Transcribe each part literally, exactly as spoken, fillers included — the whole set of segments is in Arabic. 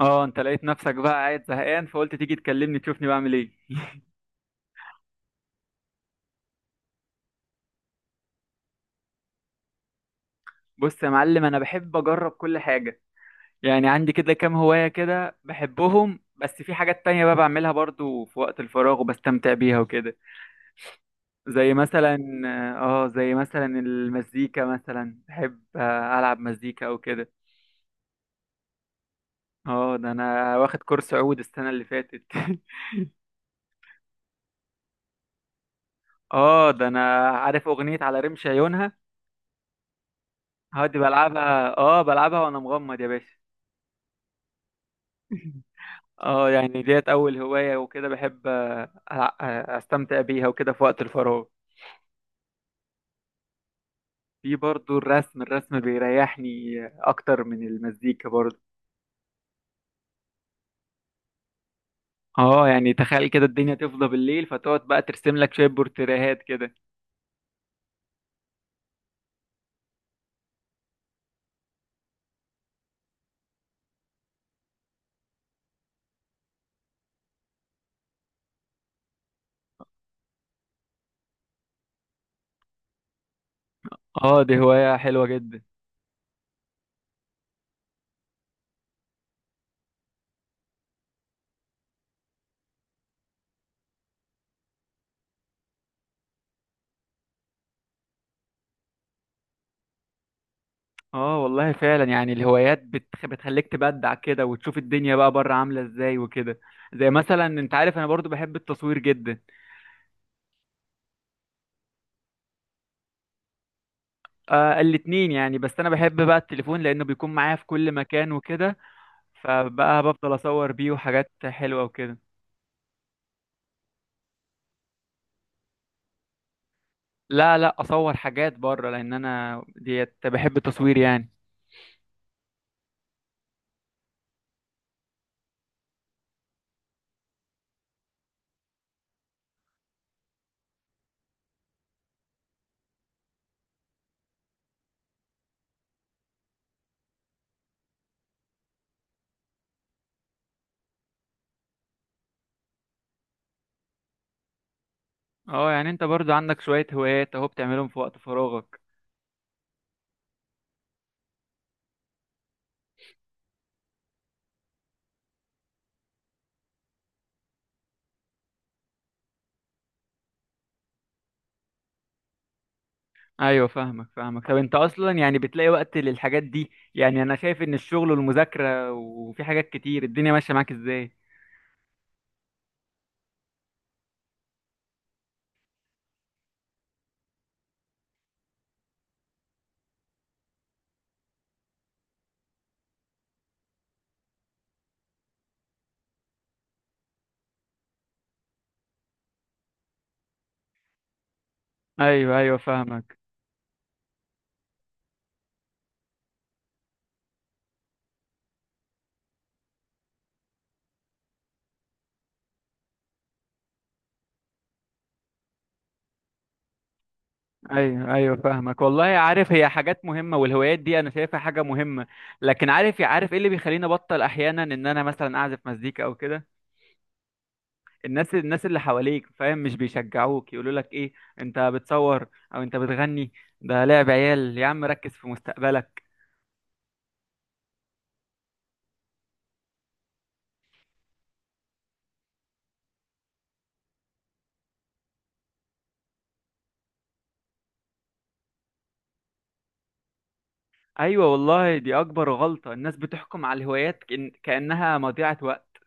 اه، انت لقيت نفسك بقى قاعد زهقان فقلت تيجي تكلمني تشوفني بعمل ايه؟ بص يا معلم، انا بحب اجرب كل حاجه. يعني عندي كده كام هوايه كده بحبهم، بس في حاجات تانية بقى بعملها برضو في وقت الفراغ وبستمتع بيها وكده. زي مثلا اه زي مثلا المزيكا مثلا، بحب آه، العب مزيكا او كده. اه ده انا واخد كورس عود السنه اللي فاتت اه ده انا عارف اغنيه على رمش عيونها. هادي بلعبها، اه بلعبها وانا مغمض يا باشا. اه يعني ديت اول هواية، وكده بحب آه، أ- استمتع بيها وكده في وقت الفراغ. في برضو الرسم، الرسم بيريحني اكتر من المزيكا برضو. اه يعني تخيل كده الدنيا تفضى بالليل فتقعد بقى ترسم لك شوية بورتريهات كده. اه دي هواية حلوة جدا. اه والله فعلا، يعني الهوايات بتخ... بتخليك تبدع كده وتشوف الدنيا بقى بره عاملة ازاي وكده. زي مثلا انت عارف انا برضو بحب التصوير جدا. آه الاتنين يعني، بس انا بحب بقى التليفون لانه بيكون معايا في كل مكان وكده. فبقى بفضل اصور بيه وحاجات حلوه وكده. لا لا اصور حاجات بره، لان انا ديت بحب التصوير يعني. اه يعني انت برضو عندك شويه هوايات اهو بتعملهم في وقت فراغك. ايوه فاهمك فاهمك. طب انت اصلا يعني بتلاقي وقت للحاجات دي؟ يعني انا شايف ان الشغل والمذاكره وفي حاجات كتير، الدنيا ماشيه معاك ازاي؟ ايوه ايوه فاهمك. ايوه ايوه فاهمك والله. عارف، هي حاجات مهمه والهوايات دي انا شايفها حاجه مهمه. لكن عارف عارف ايه اللي بيخليني ابطل احيانا ان انا مثلا اعزف مزيكا او كده؟ الناس الناس اللي حواليك، فاهم، مش بيشجعوك، يقولوا لك ايه، انت بتصور او انت بتغني، ده لعب عيال يا عم، ركز في مستقبلك. ايوه والله، دي اكبر غلطة. الناس بتحكم على الهوايات كأن- كأنها مضيعة وقت.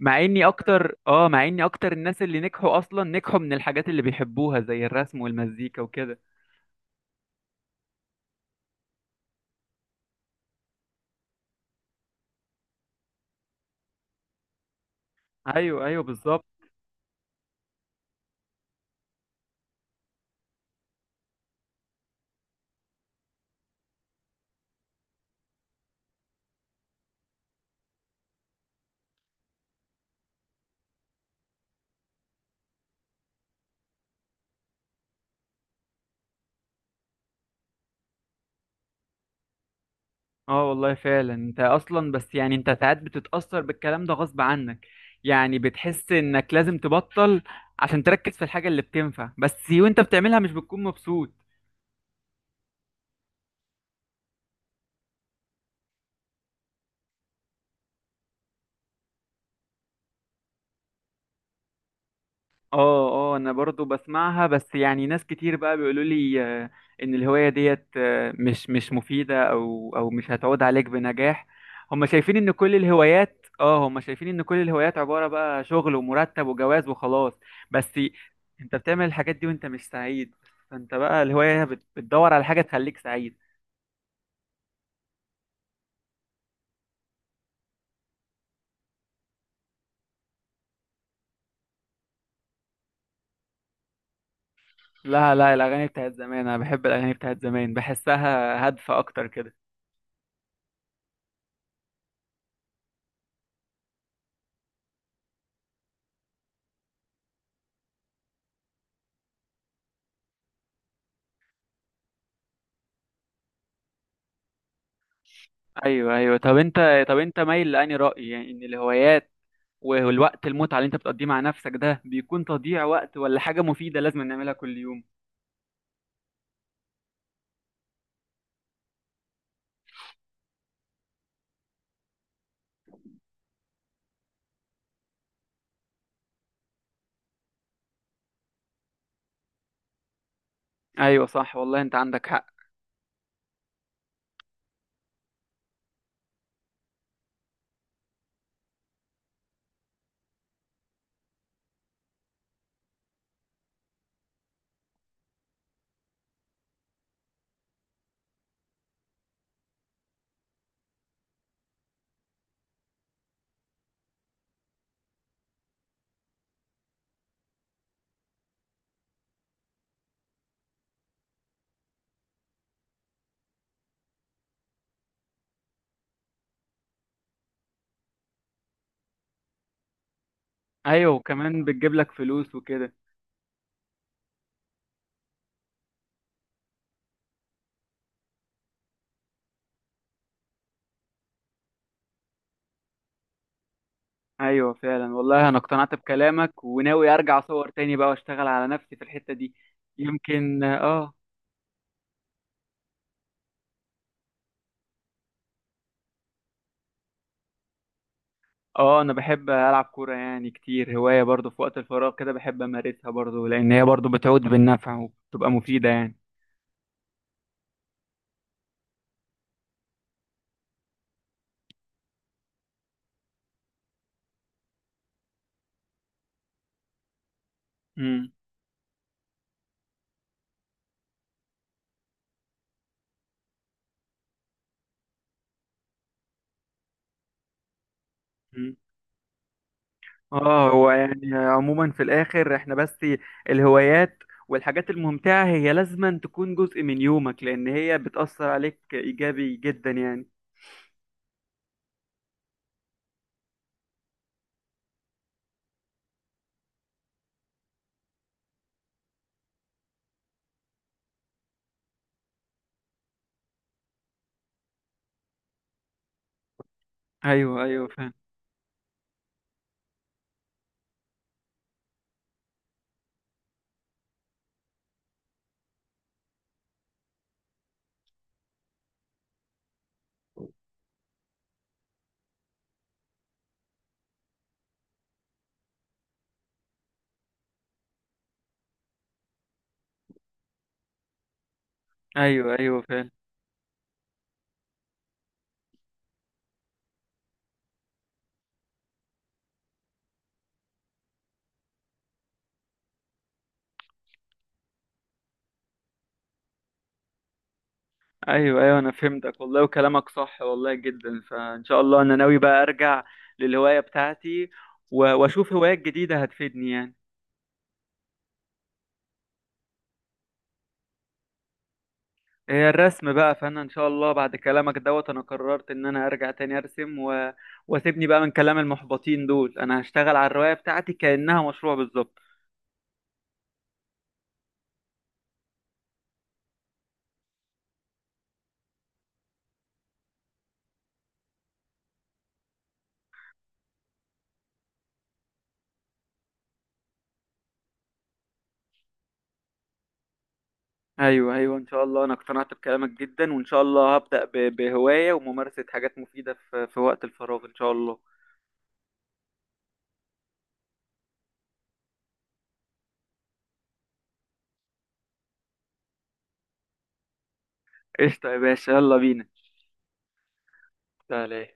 مع اني اكتر اه مع اني اكتر الناس اللي نجحوا اصلا نجحوا من الحاجات اللي بيحبوها زي الرسم والمزيكا وكده. ايوه ايوه بالظبط. اه والله فعلا، انت اصلا بس يعني انت ساعات بتتأثر بالكلام ده غصب عنك، يعني بتحس انك لازم تبطل عشان تركز في الحاجة اللي بتنفع بس، وانت بتعملها مش بتكون مبسوط. اه اه انا برضو بسمعها، بس يعني ناس كتير بقى بيقولوا لي آه، ان الهواية ديت آه، مش مش مفيدة او او مش هتعود عليك بنجاح. هم شايفين ان كل الهوايات اه هم شايفين ان كل الهوايات عبارة بقى شغل ومرتب وجواز وخلاص. بس انت بتعمل الحاجات دي وانت مش سعيد، فانت بقى الهواية بت- بتدور على حاجة تخليك سعيد. لا لا، الاغاني بتاعت زمان، انا بحب الاغاني بتاعت زمان، بحسها هادفة اكتر كده. ايوه ايوه. طب انت طب انت مايل لاني رأي يعني ان الهوايات والوقت المتعة اللي انت بتقضيه مع نفسك ده بيكون تضييع وقت، ولا حاجة مفيدة لازم نعملها كل يوم؟ ايوه صح والله، انت عندك حق. ايوه، وكمان بتجيب لك فلوس وكده. ايوه فعلا والله، انا اقتنعت بكلامك وناوي ارجع اصور تاني بقى واشتغل على نفسي في الحتة دي. يمكن اه. اه انا بحب العب كورة يعني كتير، هواية برضو في وقت الفراغ كده بحب امارسها برضو، لان هي برضو بتعود بالنفع وبتبقى مفيدة يعني. امم. اه هو يعني عموما في الاخر احنا بس الهوايات والحاجات الممتعة هي لازما تكون جزء من يومك، لان هي بتأثر عليك ايجابي جدا يعني. ايوه ايوه فاهم. ايوه ايوه فاهم. ايوه ايوه، انا فهمتك والله وكلامك صح والله جدا، فان شاء الله انا ناوي بقى ارجع للهواية بتاعتي و- واشوف هوايات جديدة هتفيدني يعني. هي الرسم بقى، فانا ان شاء الله بعد كلامك دوت انا قررت ان انا ارجع تاني ارسم و... واسيبني بقى من كلام المحبطين دول. انا هشتغل على الرواية بتاعتي كأنها مشروع بالظبط. ايوه ايوه ان شاء الله، انا اقتنعت بكلامك جدا، وان شاء الله هبدأ ب... بهواية وممارسة حاجات مفيدة في... في وقت الفراغ ان شاء الله. قشطة يا باشا، يلا بينا. سلام.